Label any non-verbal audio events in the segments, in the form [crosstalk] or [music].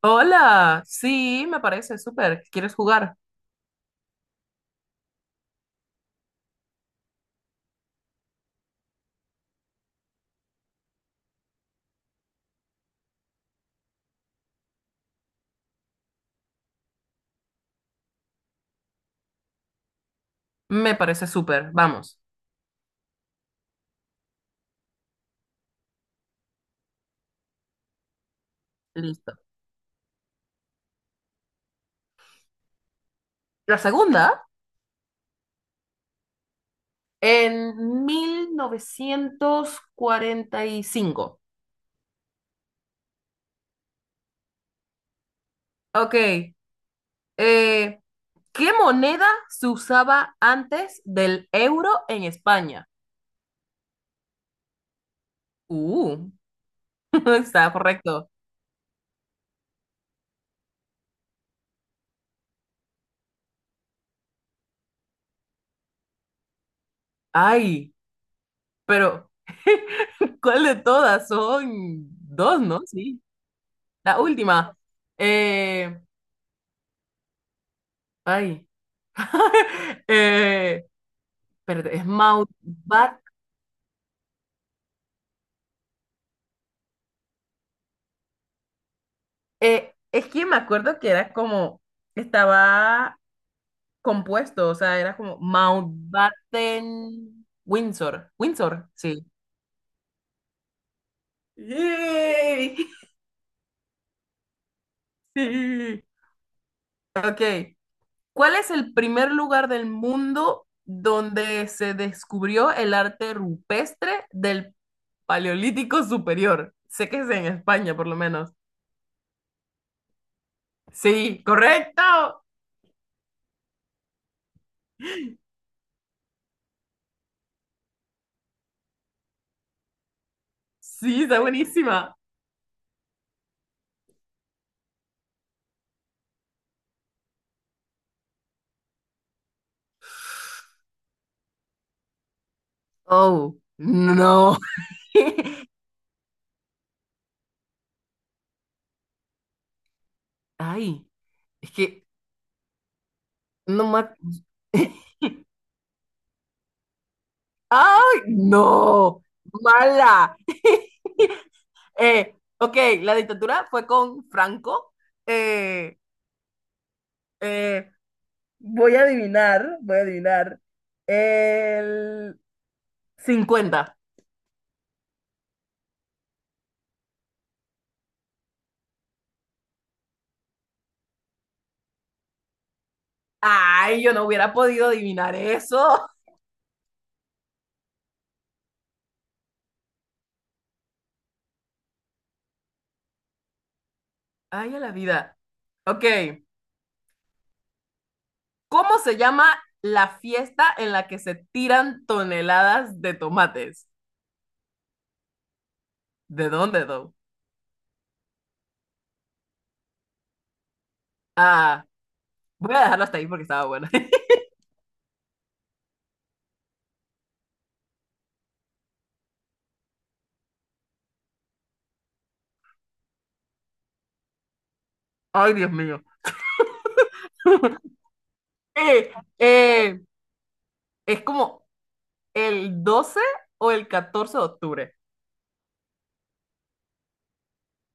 Hola, sí, me parece súper. ¿Quieres jugar? Me parece súper. Vamos, listo. La segunda, en 1945. Ok, eh, ¿qué moneda se usaba antes del euro en España? Uh, [laughs] está correcto. Ay, pero [laughs] ¿cuál de todas? Son dos, ¿no? Sí, la última. Eh, ay. [laughs] Eh, pero es Mautbat. Es que me acuerdo que era como, estaba compuesto, o sea, era como Mountbatten Windsor. Windsor, sí. ¡Yay! [laughs] Sí. Ok. ¿Cuál es el primer lugar del mundo donde se descubrió el arte rupestre del Paleolítico Superior? Sé que es en España, por lo menos. Sí, correcto. Sí, está buenísima. Oh, no. [laughs] Ay, es que no ma- [laughs] ¡Ay, no! ¡Mala! [laughs] Ok, la dictadura fue con Franco. Eh, eh, voy a adivinar. El 50. Ay, yo no hubiera podido adivinar eso. [laughs] Ay, a la vida. Ok, ¿cómo se llama la fiesta en la que se tiran toneladas de tomates? ¿De dónde, though? Ah, voy a dejarlo hasta ahí porque estaba bueno. [laughs] Ay, Dios mío. Eh, eh, es como el 12 o el 14 de octubre.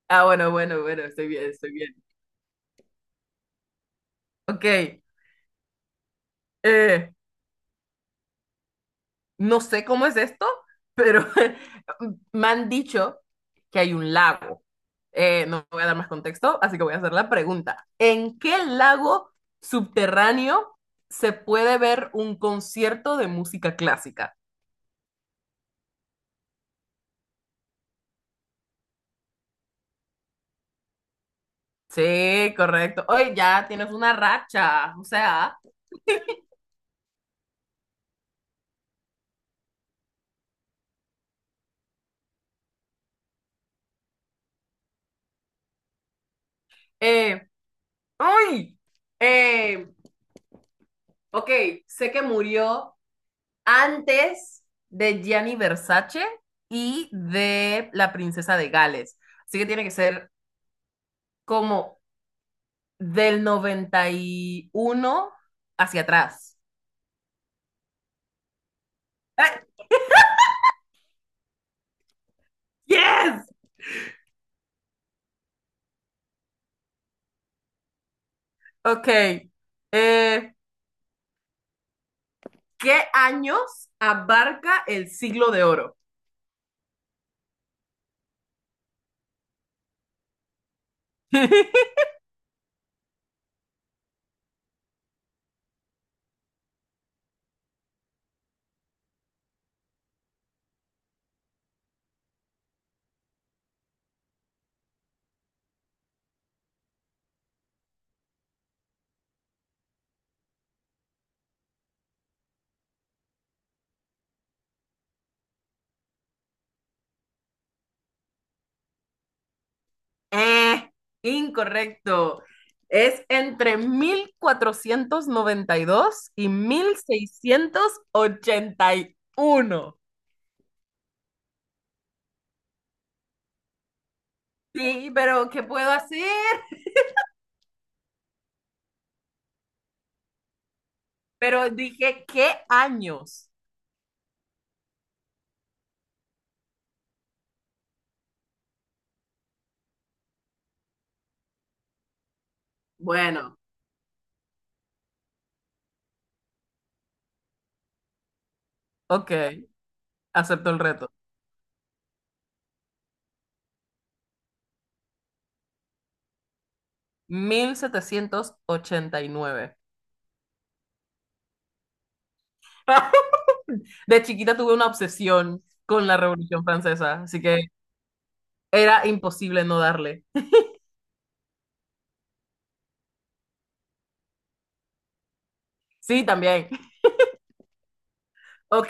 Ah, bueno, bueno, bueno, estoy bien, estoy bien. Ok, eh, no sé cómo es esto, pero [laughs] me han dicho que hay un lago. No voy a dar más contexto, así que voy a hacer la pregunta. ¿En qué lago subterráneo se puede ver un concierto de música clásica? Sí, correcto. Hoy ya tienes una racha. O sea, eh, ¡ay! Eh, ok, sé que murió antes de Gianni Versace y de la princesa de Gales. Así que tiene que ser como del 91 hacia atrás. ¡Ay, ¡Yes! Ok. eh, ¿qué años abarca el siglo de oro? [laughs] Eh, incorrecto. Es entre 1492 y 1681. Sí, pero ¿qué puedo hacer? Pero dije, ¿qué años? Bueno, ok, acepto el reto. 1789. [laughs] De chiquita tuve una obsesión con la Revolución Francesa, así que era imposible no darle. Sí, también. Ok,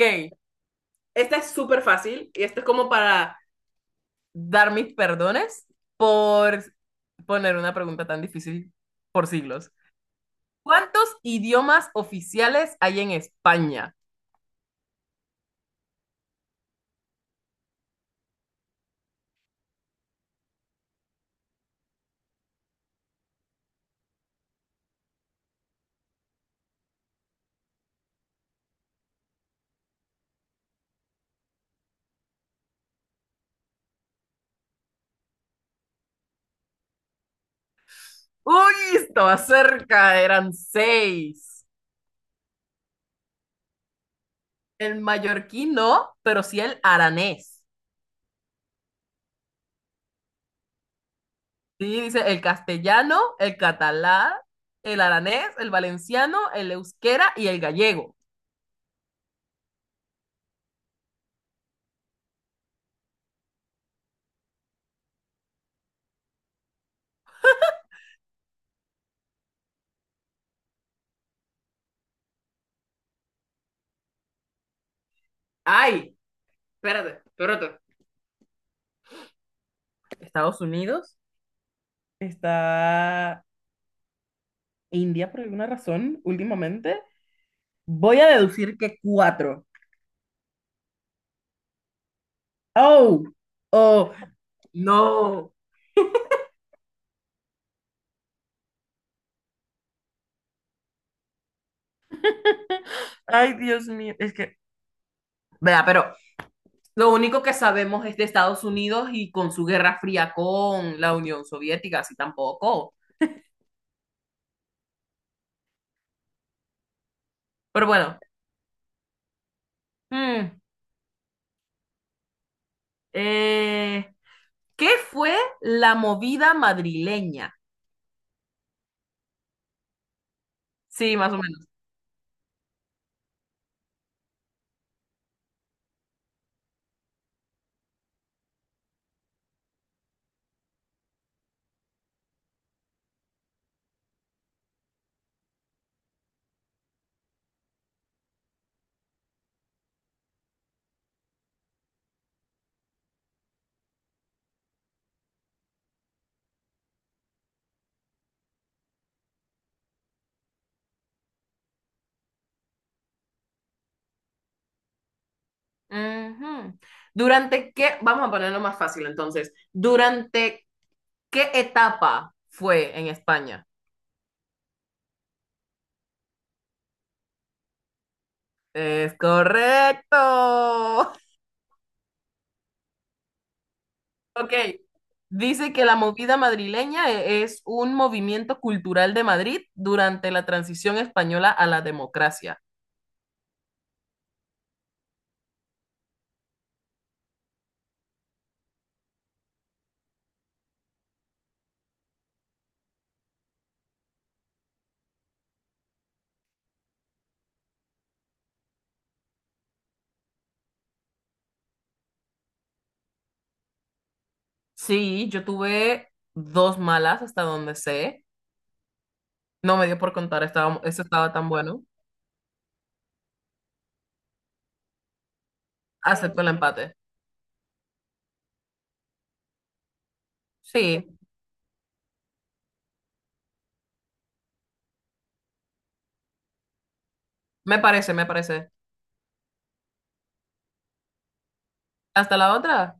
esta es súper fácil y esto es como para dar mis perdones por poner una pregunta tan difícil por siglos. ¿Cuántos idiomas oficiales hay en España? Uy, estaba cerca, eran seis. El mallorquín no, pero sí el aranés. Sí, dice el castellano, el catalán, el aranés, el valenciano, el euskera y el gallego. Ay, espérate. Estados Unidos, está India por alguna razón últimamente, voy a deducir que cuatro. Oh, oh, no. Ay, Dios mío. Es que, vea, pero lo único que sabemos es de Estados Unidos y con su guerra fría con la Unión Soviética, así tampoco. Pero bueno, mm, eh, ¿qué fue la movida madrileña? Sí, más o menos. Ujú. ¿Durante qué? Vamos a ponerlo más fácil entonces. ¿Durante qué etapa fue en España? Es correcto. Ok. Dice que la movida madrileña e- es un movimiento cultural de Madrid durante la transición española a la democracia. Sí, yo tuve dos malas hasta donde sé. No me dio por contar, estaba, eso estaba tan bueno. Acepto el empate. Sí, me parece, me parece. Hasta la otra.